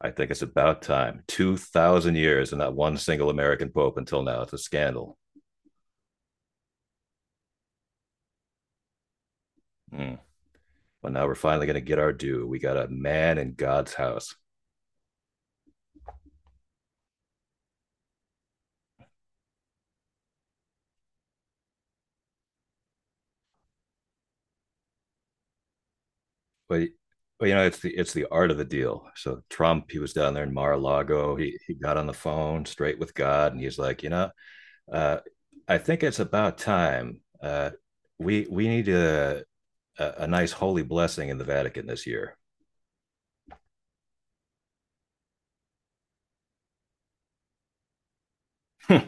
I think it's about time. 2,000 years and not one single American pope until now. It's a scandal. Mm. But now we're finally going to get our due. We got a man in God's house. But, but you know, it's the art of the deal. So Trump, he was down there in Mar-a-Lago. He got on the phone straight with God, and he's like, you know, uh, I think it's about time. We need a nice holy blessing in the Vatican this year. Yeah,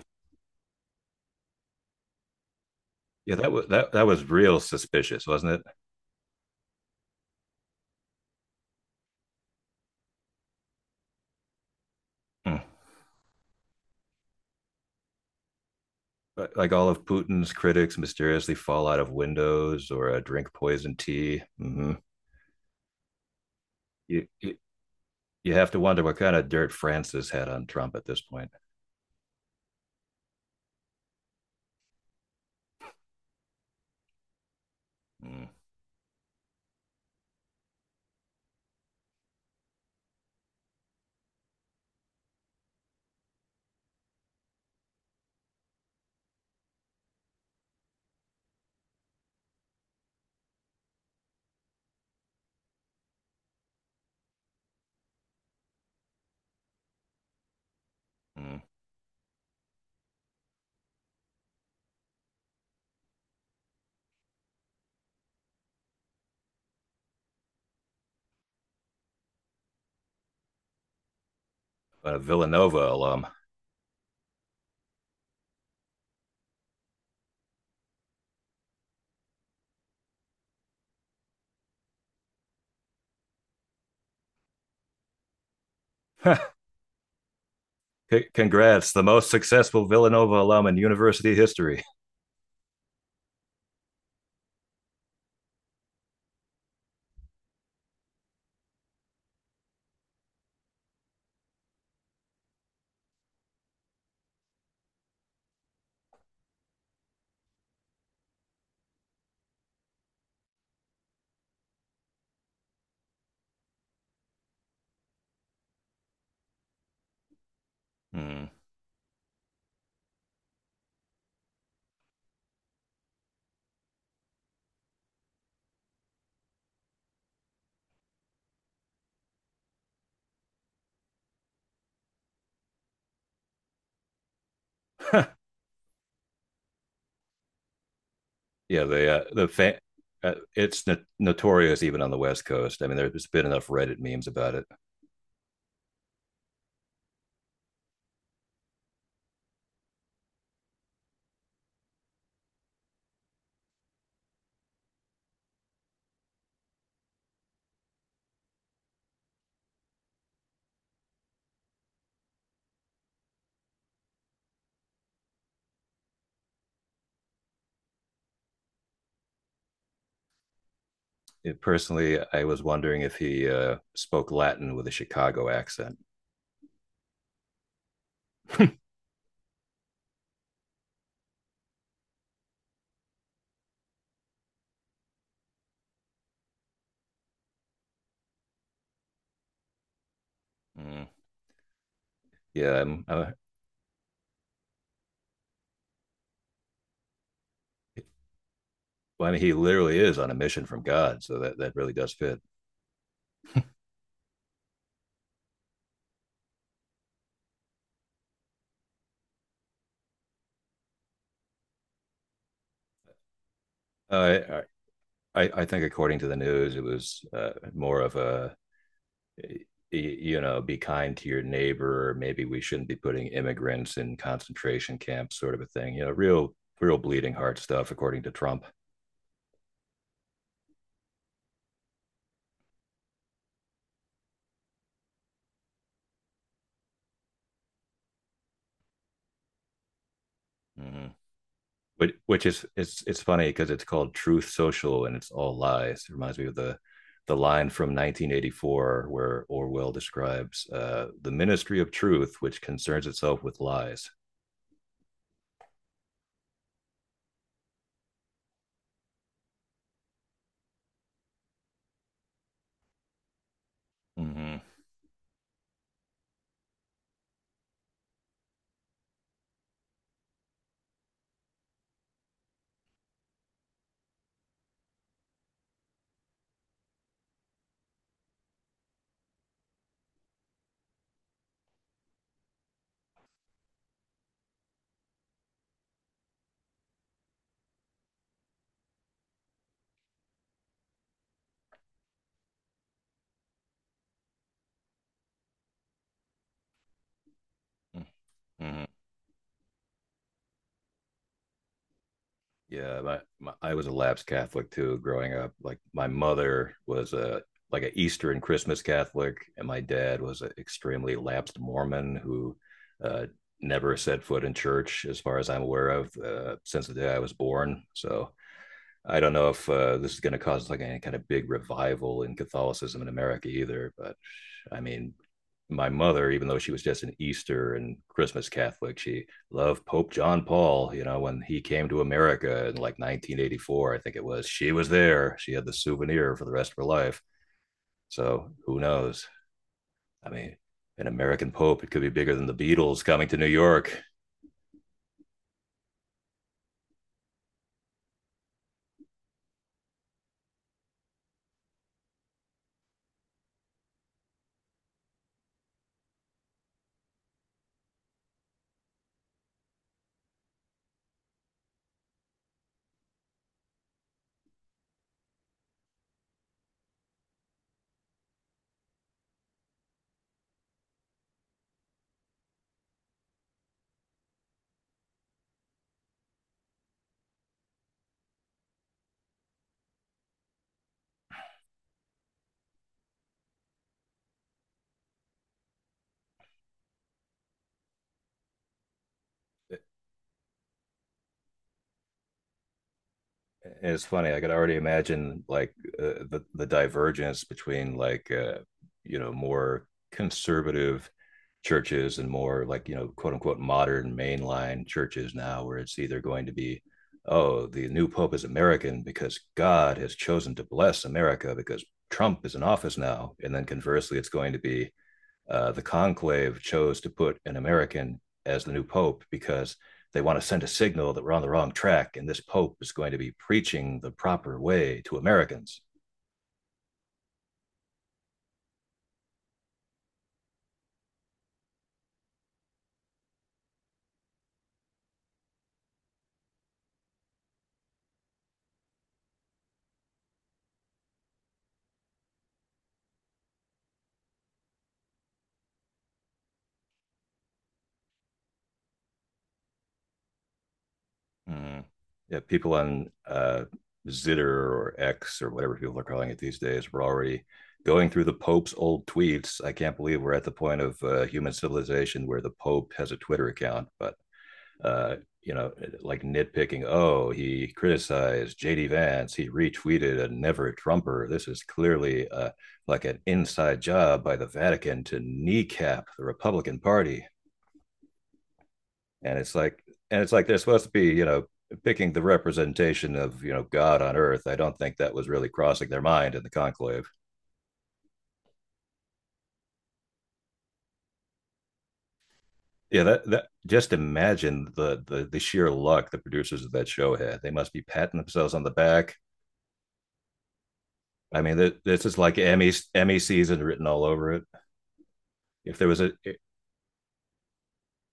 that was that was real suspicious, wasn't it? Mm. Like all of Putin's critics mysteriously fall out of windows or drink poison tea. Hmm. You, you you have to wonder what kind of dirt Francis had on Trump at this point. Mm-hmm. But a Villanova alum. C- Congrats, the most successful Villanova alum in university history. Mm. Yeah, it's notorious even on the West Coast. I mean, there's been enough Reddit memes about it. It personally, I was wondering if he spoke Latin with a Chicago accent. Mm. Yeah, I'm, I well, I mean, he literally is on a mission from God, so that really does fit. Uh, I think according to the news, it was more of a, you know, be kind to your neighbor, or maybe we shouldn't be putting immigrants in concentration camps, sort of a thing. You know, real, real bleeding heart stuff, according to Trump. Mm-hmm. Which is, it's funny because it's called Truth Social and it's all lies. It reminds me of the line from 1984 where Orwell describes the Ministry of Truth, which concerns itself with lies. Mm-hmm. Mm-hmm. Yeah, I was a lapsed Catholic too growing up. Like my mother was a like an Easter and Christmas Catholic, and my dad was an extremely lapsed Mormon who uh, never set foot in church, as far as I'm aware of, since the day I was born. So I don't know if this is going to cause like any kind of big revival in Catholicism in America either. But I mean, my mother, even though she was just an Easter and Christmas Catholic, she loved Pope John Paul. You know, when he came to America in like 1984, I think it was, she was there. She had the souvenir for the rest of her life. So who knows? I mean, an American Pope, it could be bigger than the Beatles coming to New York. And it's funny, I could already imagine like the divergence between like, you know, more conservative churches and more like, you know, quote unquote modern mainline churches now, where it's either going to be, oh, the new pope is American because God has chosen to bless America because Trump is in office now, and then conversely, it's going to be the conclave chose to put an American as the new pope because they want to send a signal that we're on the wrong track and this pope is going to be preaching the proper way to Americans. Mm. Yeah, people on Zitter or X or whatever people are calling it these days were already going through the Pope's old tweets. I can't believe we're at the point of human civilization where the Pope has a Twitter account, but uh, you know, like nitpicking, oh, he criticized JD Vance, he retweeted a never Trumper. This is clearly like an inside job by the Vatican to kneecap the Republican Party. And it's like, and it's like they're supposed to be, you know, picking the representation of, you know, God on earth. I don't think that was really crossing their mind in the conclave. Yeah, that just imagine the sheer luck the producers of that show had. They must be patting themselves on the back. I mean, this is like Emmy season written all over it. If there was a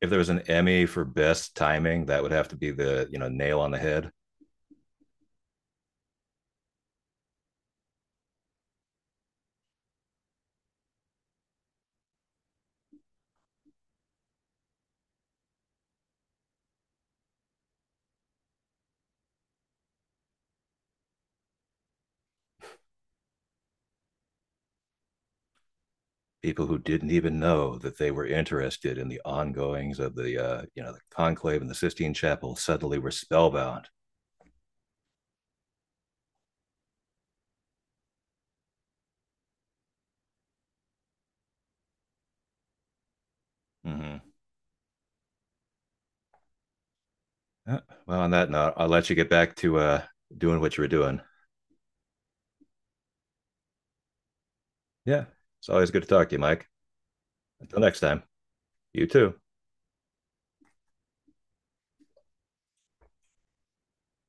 if there was an Emmy for best timing, that would have to be the, you know, nail on the head. People who didn't even know that they were interested in the ongoings of the you know, the conclave in the Sistine Chapel suddenly were spellbound. Mm-hmm. Yeah. Well, on that note, I'll let you get back to doing what you were doing. Yeah. It's always good to talk to you, Mike. Until next time, you too.